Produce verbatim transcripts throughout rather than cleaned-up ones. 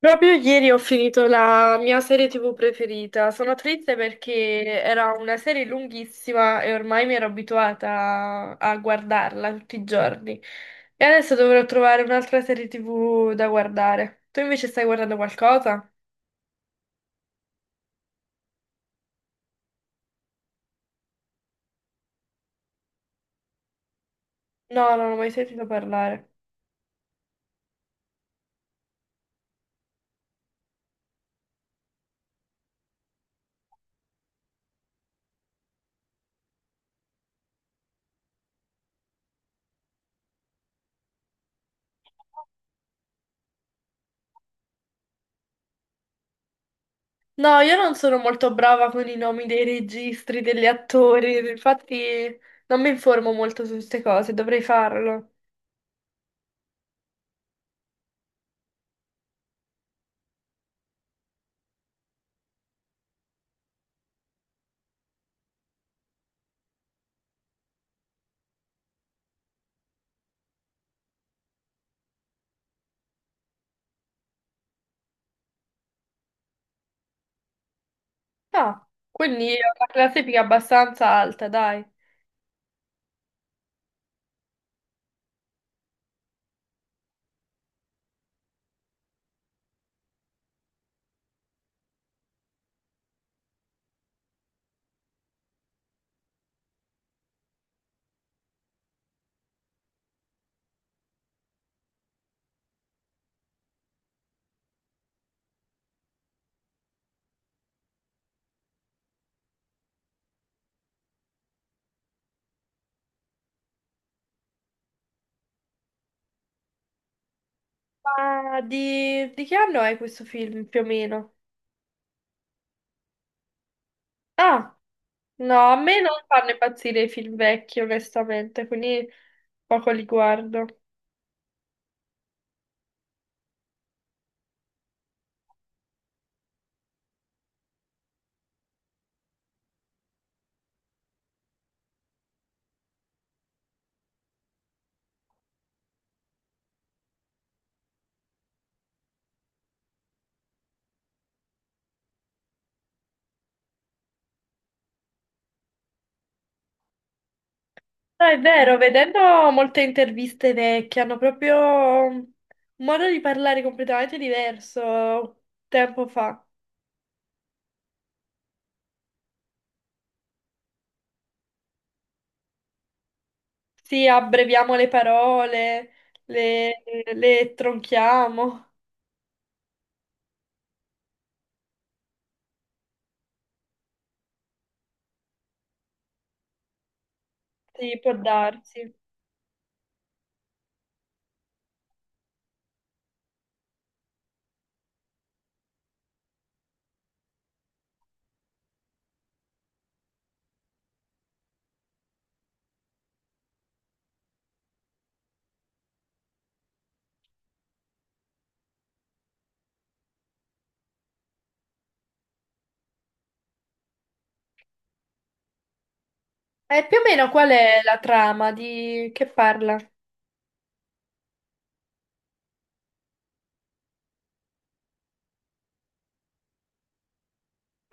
Proprio ieri ho finito la mia serie T V preferita. Sono triste perché era una serie lunghissima e ormai mi ero abituata a guardarla tutti i giorni. E adesso dovrò trovare un'altra serie T V da guardare. Tu invece stai guardando qualcosa? No, non ho mai sentito parlare. No, io non sono molto brava con i nomi dei registi, degli attori, infatti non mi informo molto su queste cose, dovrei farlo. Ah, quindi ho una classifica abbastanza alta, dai. Ma di, di che anno è questo film più o meno? Ah, no, a me non fanno impazzire i film vecchi, onestamente, quindi poco li guardo. No, è vero, vedendo molte interviste vecchie hanno proprio un modo di parlare completamente diverso tempo fa. Sì, abbreviamo le parole, le, le tronchiamo. Sì, può darsi. E più o meno qual è la trama di che parla?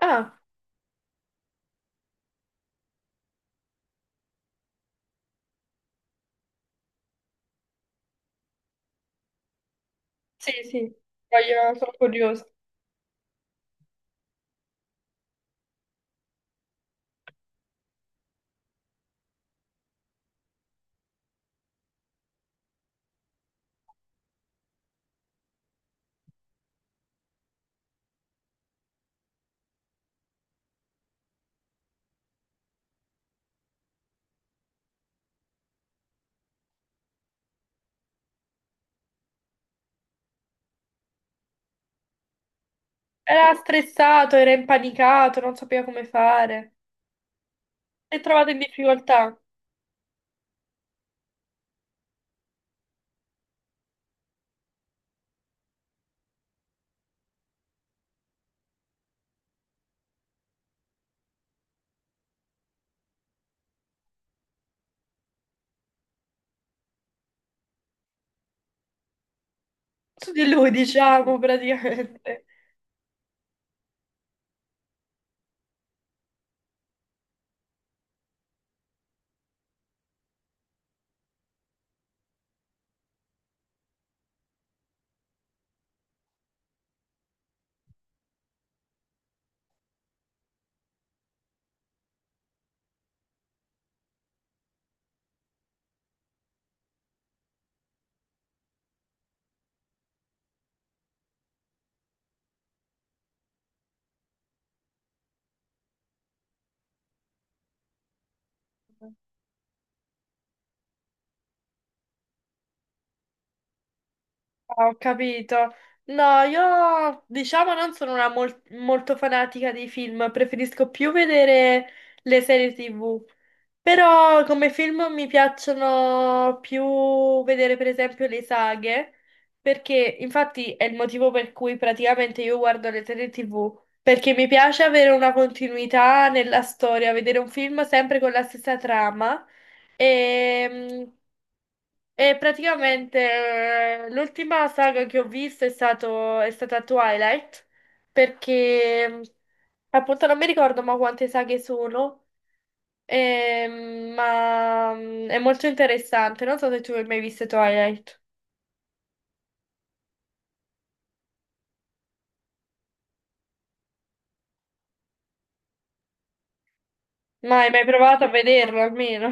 Ah. Sì, sì, voglio, sono curiosa. Era stressato, era impanicato, non sapeva come fare. Si è trovato in difficoltà. Su di lui, diciamo, praticamente. Ho capito. No, io diciamo non sono una mol- molto fanatica dei film, preferisco più vedere le serie T V. Però come film mi piacciono più vedere per esempio le saghe, perché infatti è il motivo per cui praticamente io guardo le serie T V, perché mi piace avere una continuità nella storia, vedere un film sempre con la stessa trama. Ehm, e praticamente eh, l'ultima saga che ho visto è stato, è stata Twilight, perché mh, appunto non mi ricordo ma quante saghe sono, ehm, ma mh, è molto interessante. Non so se tu hai mai visto Twilight, ma hai mai provato a vederlo almeno?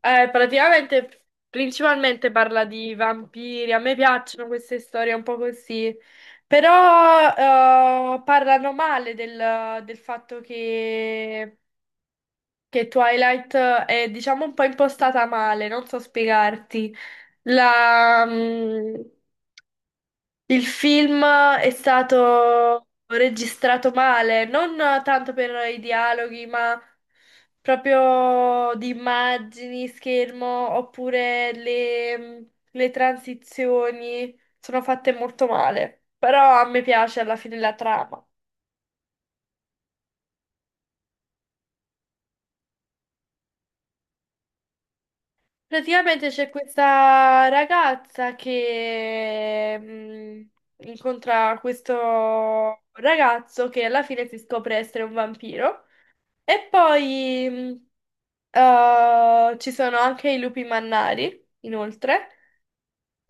Eh, praticamente, principalmente parla di vampiri, a me piacciono queste storie un po' così. Però eh, parlano male del, del fatto che Che Twilight eh, è, diciamo, un po' impostata male, non so spiegarti. La, mm, il film è stato registrato male, non tanto per i dialoghi, ma proprio di immagini, schermo, oppure le, mm, le transizioni sono fatte molto male. Però a me piace alla fine la trama. Praticamente c'è questa ragazza che mh, incontra questo ragazzo che alla fine si scopre essere un vampiro. E poi mh, eh, ci sono anche i lupi mannari, inoltre.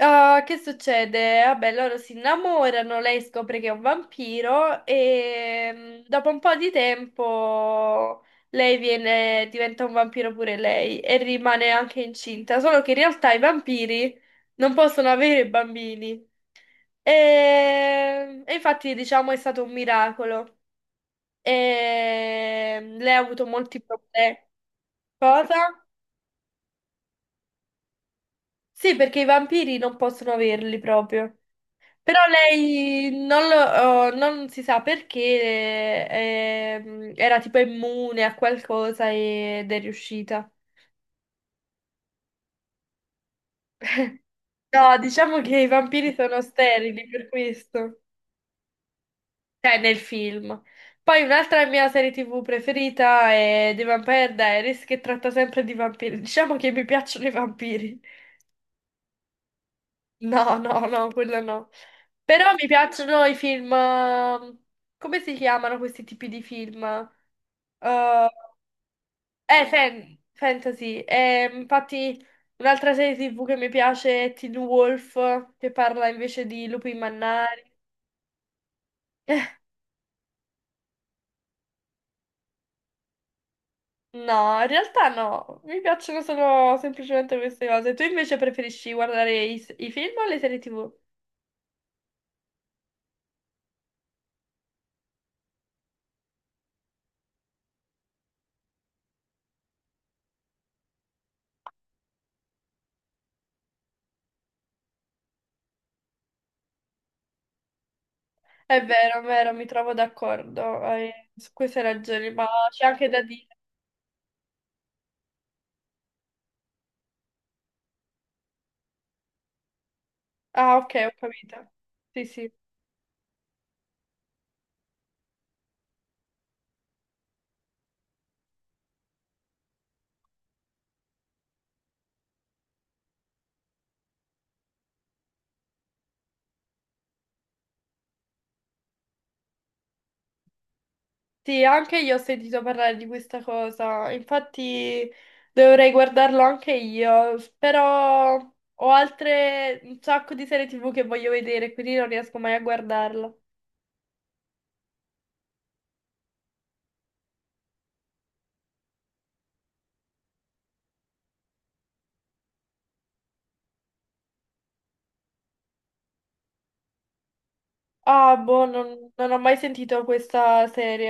Ah, che succede? Vabbè, loro si innamorano, lei scopre che è un vampiro e mm, dopo un po' di tempo lei viene- diventa un vampiro pure lei e rimane anche incinta, solo che in realtà i vampiri non possono avere bambini. E, e infatti, diciamo, è stato un miracolo. E mm, lei ha avuto molti problemi. Cosa? Sì, perché i vampiri non possono averli proprio. Però lei non, lo- oh, non si sa perché ehm, era tipo immune a qualcosa ed è riuscita. No, diciamo che i vampiri sono sterili per questo, cioè nel film. Poi un'altra mia serie T V preferita è The Vampire Diaries che tratta sempre di vampiri. Diciamo che mi piacciono i vampiri. No, no, no, quello no. Però mi piacciono i film. ehm, Come si chiamano questi tipi di film? Eh, Eh, fan- fantasy. Eh, infatti, un'altra serie T V che mi piace è Teen Wolf, che parla invece di lupi mannari. No, in realtà no, mi piacciono solo semplicemente queste cose. Tu invece preferisci guardare i, i film o le serie T V? È vero, è vero, mi trovo d'accordo eh, su queste ragioni, ma c'è anche da dire. Ah, ok, ho capito. Sì, sì. Sì, anche io ho sentito parlare di questa cosa, infatti dovrei guardarlo anche io, però ho altre un sacco di serie T V che voglio vedere, quindi non riesco mai a guardarla. Ah, boh, non, non ho mai sentito questa serie.